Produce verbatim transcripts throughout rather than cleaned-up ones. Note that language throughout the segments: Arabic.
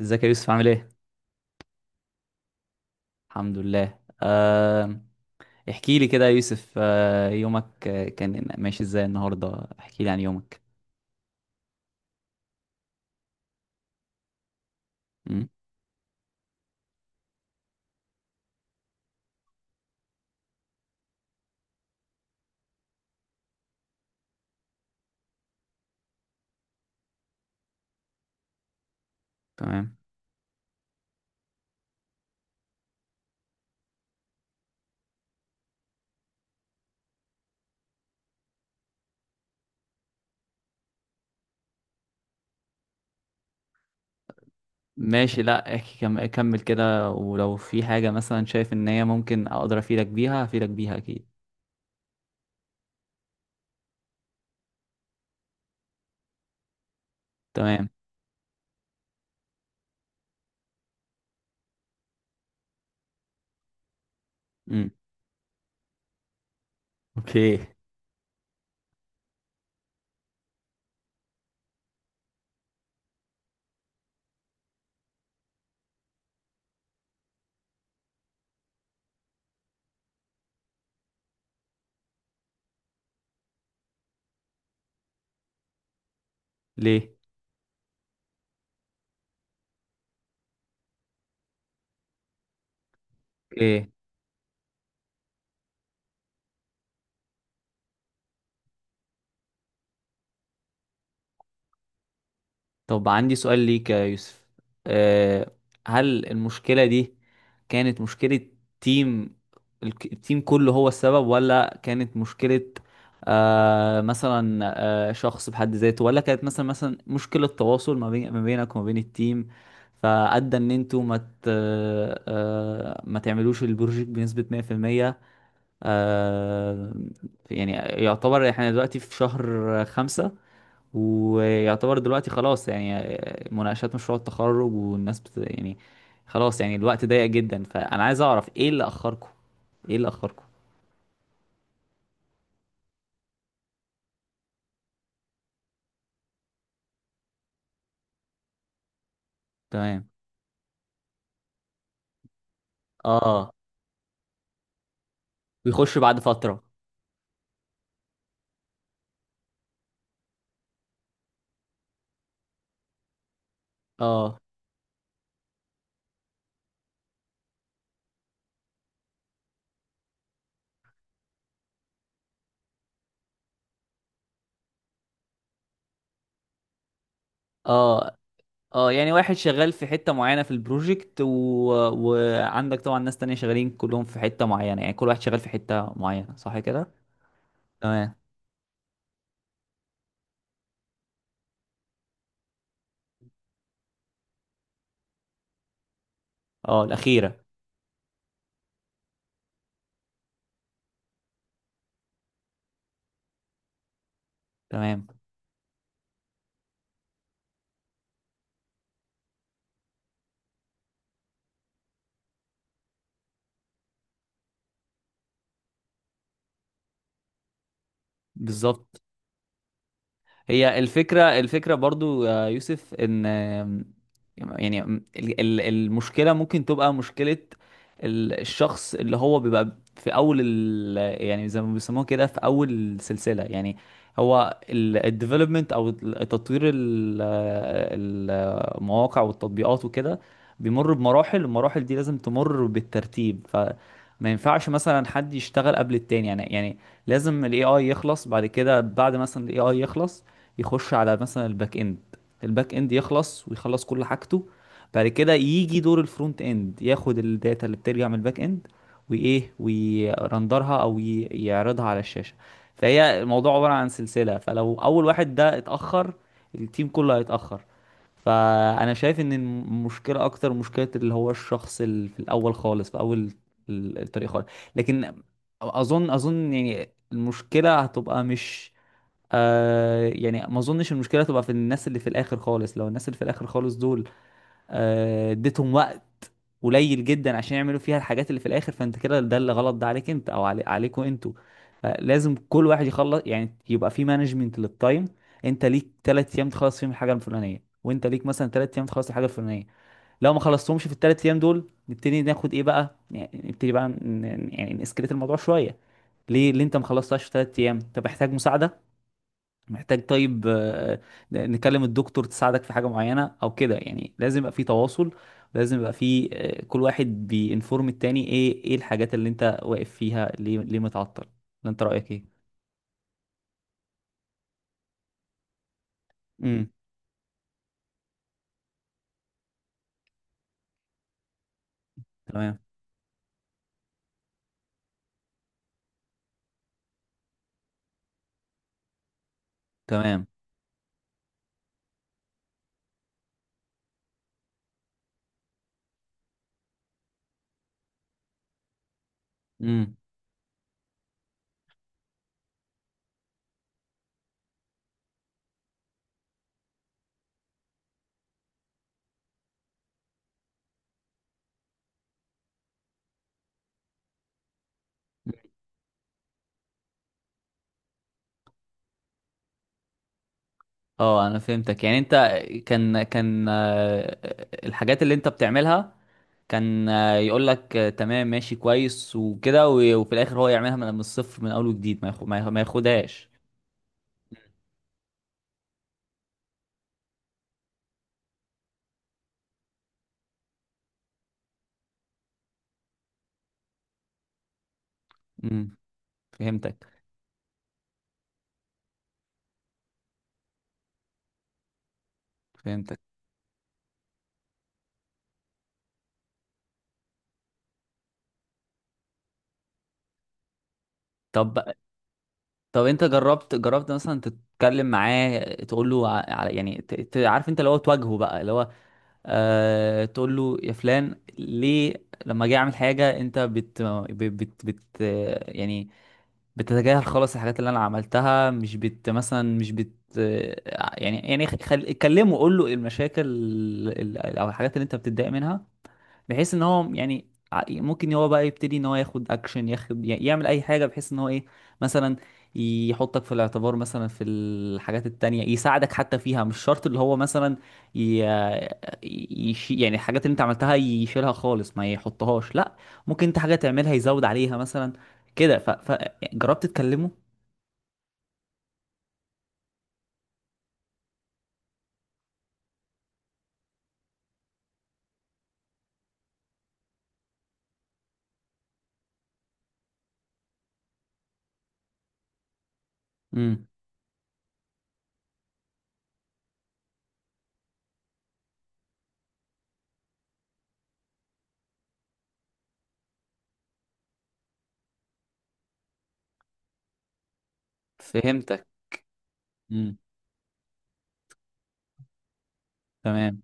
ازيك يا يوسف عامل ايه؟ الحمد لله. أه... احكي لي كده يا يوسف، أه... يومك، آه، كان ماشي ازاي النهارده؟ احكي لي عن يومك. مم. تمام. ماشي، لا احكي، كم... كمل كده، ولو في حاجة مثلا شايف ان هي ممكن اقدر افيدك بيها افيدك بيها اكيد. تمام. مم. اوكي. ليه؟ اوكي. طب عندي سؤال ليك يا يوسف. أه، هل المشكلة دي كانت مشكلة تيم؟ الك- التيم كله هو السبب، ولا كانت مشكلة أه مثلا أه شخص بحد ذاته، ولا كانت مثلا مثلا مشكلة تواصل ما بين، ما بينك وما بين التيم، فأدى إن أنتوا ما ت- أه ما تعملوش البروجيكت بنسبة مية في المية؟ أه، يعني يعتبر احنا دلوقتي في شهر خمسة، ويعتبر دلوقتي خلاص، يعني مناقشات مشروع التخرج والناس بت... يعني خلاص، يعني الوقت ضيق جدا، فانا عايز اعرف ايه اللي اخركم، ايه اللي اخركم تمام. اه، ويخش بعد فترة. اه. اه. اه يعني واحد شغال في حتة معينة في البروجكت و... وعندك طبعا ناس تانية شغالين كلهم في حتة معينة، يعني كل واحد شغال في حتة معينة، صح كده؟ تمام. اه، الأخيرة. تمام. بالظبط. هي الفكرة الفكرة برضو يا يوسف ان يعني ال- ال- المشكلة ممكن تبقى مشكلة ال- الشخص اللي هو بيبقى في اول ال، يعني زي ما بيسموها كده في اول السلسلة، يعني هو الديفلوبمنت او ال- تطوير ال- المواقع والتطبيقات وكده، بيمر بمراحل. المراحل دي لازم تمر بالترتيب، فما ينفعش مثلا حد يشتغل قبل التاني، يعني يعني لازم الاي اي يخلص، بعد كده بعد مثلا الاي اي يخلص يخش على مثلا الباك اند، الباك اند يخلص ويخلص كل حاجته، بعد كده يجي دور الفرونت اند، ياخد الداتا اللي بترجع من الباك اند، وايه، ويرندرها او ي- يعرضها على الشاشة. فهي الموضوع عبارة عن سلسلة، فلو اول واحد ده اتأخر، التيم كله هيتأخر. فانا شايف ان المشكله اكتر مشكله اللي هو الشخص اللي في الاول خالص، في اول ال- الطريق خالص. لكن اظن اظن يعني المشكله هتبقى مش، آه يعني ما اظنش المشكله تبقى في الناس اللي في الاخر خالص. لو الناس اللي في الاخر خالص دول آه اديتهم وقت قليل جدا عشان يعملوا فيها الحاجات اللي في الاخر، فانت كده ده اللي غلط، ده عليك انت او علي، عليكوا انتوا. فلازم كل واحد يخلص، يعني يبقى في مانجمنت للتايم، انت ليك ثلاث ايام تخلص فيهم الحاجه الفلانيه، وانت ليك مثلا ثلاث ايام تخلص الحاجه الفلانيه. لو ما خلصتهمش في الثلاث ايام دول، نبتدي ناخد ايه بقى، يعني نبتدي بقى ن- ن- يعني نسكليت الموضوع شويه. ليه اللي انت ما خلصتهاش في ثلاث ايام؟ انت محتاج مساعده، محتاج، طيب، آه، نكلم الدكتور تساعدك في حاجة معينة او كده، يعني لازم يبقى في تواصل، لازم يبقى في، آه، كل واحد بينفورم التاني ايه، ايه الحاجات اللي انت واقف فيها، ليه، ليه متعطل، ولا انت رأيك ايه؟ امم. تمام. تمام. امم. اه، انا فهمتك، يعني انت كان كان، آه، الحاجات اللي انت بتعملها كان آه، يقول لك، آه، تمام ماشي كويس وكده، و- وفي الاخر هو يعملها من من الصفر، من اول وجديد، ما ياخد، ما ياخ- ما ياخدهاش. امم. فهمتك. فهمتك. طب طب انت جربت جربت مثلا تتكلم معاه، تقول له ع- على يعني ت- ت- عارف انت اللي هو تواجهه بقى، اللي هو آه، تقول له يا فلان، ليه لما اجي اعمل حاجه انت بت ب- بت بت يعني بتتجاهل خالص الحاجات اللي انا عملتها، مش بت مثلا مش بت يعني، يعني خل... كلمه، قول له المشاكل ال- ال- او الحاجات اللي انت بتتضايق منها، بحيث ان هو يعني، ع- ممكن هو بقى يبتدي ان هو ياخد اكشن، ياخد ي- يعمل اي حاجه، بحيث ان هو ايه، مثلا يحطك في الاعتبار مثلا في الحاجات التانية، يساعدك حتى فيها، مش شرط اللي هو مثلا ي... يشي... يعني الحاجات اللي انت عملتها يشيلها خالص ما يحطهاش، لا، ممكن انت حاجة تعملها يزود عليها مثلا كده، ف... ف... جربت تكلمه؟ امم. فهمتك. امم. تمام.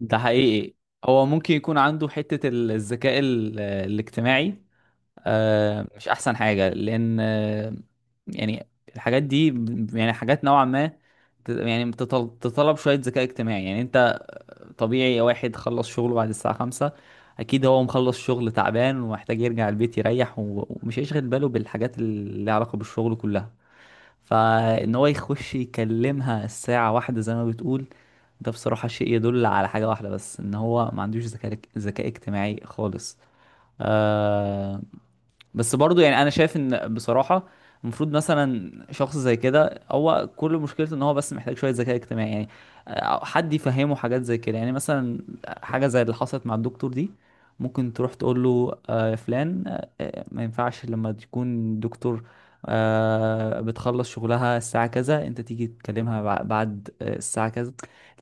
ده حقيقي. هو ممكن يكون عنده حتة ال- الذكاء ال- الاجتماعي، آه، مش احسن حاجه لان، آه، يعني الحاجات دي ب- يعني حاجات نوعا ما، ت- يعني بتطل- تطلب شويه ذكاء اجتماعي. يعني انت طبيعي واحد خلص شغله بعد الساعه خمسة، اكيد هو مخلص شغل تعبان ومحتاج يرجع البيت يريح، و- ومش هيشغل باله بالحاجات اللي لها علاقه بالشغل كلها، فان هو يخش يكلمها الساعه واحدة زي ما بتقول، ده بصراحه شيء يدل على حاجه واحده بس، ان هو ما عندوش ذكاء ذكاء اجتماعي خالص، آه، بس برضو يعني انا شايف ان بصراحة المفروض مثلا شخص زي كده، هو كل مشكلته ان هو بس محتاج شوية ذكاء اجتماعي، يعني، آه، حد يفهمه حاجات زي كده، يعني مثلا حاجة زي اللي حصلت مع الدكتور دي، ممكن تروح تقول له آه يا فلان، آه آه، ما ينفعش لما تكون دكتور آه بتخلص شغلها الساعة كذا، انت تيجي تكلمها بع- بعد، آه، الساعة كذا،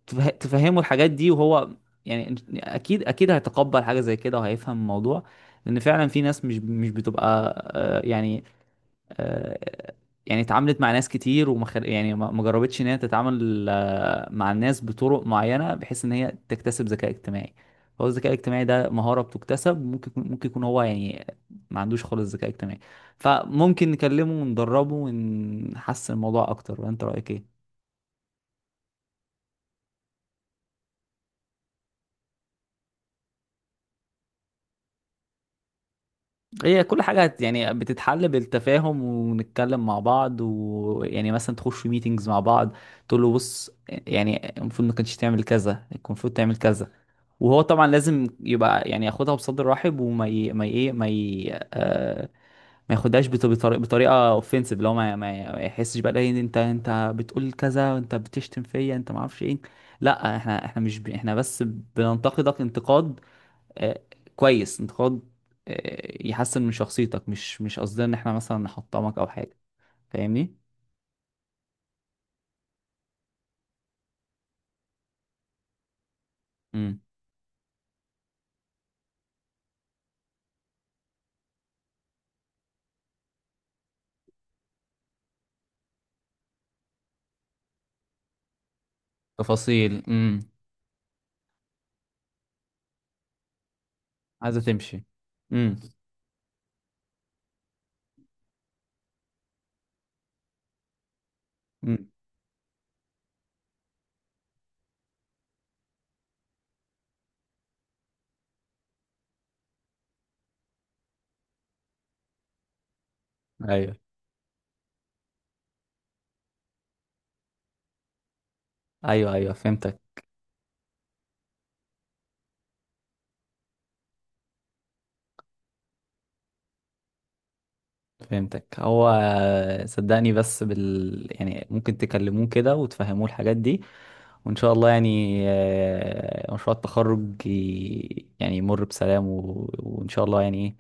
تفه- تفهمه الحاجات دي، وهو يعني اكيد اكيد هيتقبل حاجة زي كده، وهيفهم الموضوع. لان فعلا في ناس مش مش بتبقى، آه، يعني، آه، يعني اتعاملت مع ناس كتير، وما خل- يعني ما ما جربتش ان هي تتعامل، آه، مع الناس بطرق معينه، بحيث ان هي تكتسب ذكاء اجتماعي. هو الذكاء الاجتماعي ده مهاره بتكتسب، ممكن يكون- ممكن يكون هو يعني ما عندوش خالص ذكاء اجتماعي، فممكن نكلمه وندربه ونحسن الموضوع اكتر، وانت رايك ايه؟ هي كل حاجة هت- يعني بتتحل بالتفاهم ونتكلم مع بعض، ويعني مثلا تخش في ميتينجز مع بعض، تقول له بص يعني المفروض ما كانش تعمل كذا، كان المفروض تعمل كذا، وهو طبعا لازم يبقى يعني ياخدها بصدر رحب، وما ي... ما ي... ايه ما ي... آه... ما ياخدهاش بط- بطريقة بطريقة اوفنسيف، لو ما ما ما يحسش بقى إيه، انت انت بتقول كذا وانت بتشتم فيا، انت ما اعرفش ايه، لا، احنا احنا مش ب... احنا بس بننتقدك انتقاد، آه، كويس، انتقاد، آه، يحسن من شخصيتك، مش مش قصدنا ان احنا مثلا نحطمك او حاجه. فاهمني؟ امم. تفاصيل. امم. عايزه تمشي. امم. امم. ايوه. ايوه ايوه فهمتك. فهمتك. هو صدقني بس بال يعني ممكن تكلموه كده وتفهموه الحاجات دي، وإن شاء الله يعني آه، مشروع التخرج ي- يعني يمر بسلام و... وإن شاء الله يعني إيه،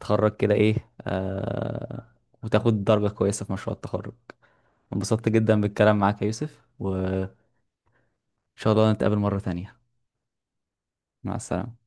تتخرج كده إيه، آه، وتاخد درجة كويسة في مشروع التخرج. انبسطت جدا بالكلام معاك يا يوسف، وإن شاء الله نتقابل مرة تانية. مع السلامة.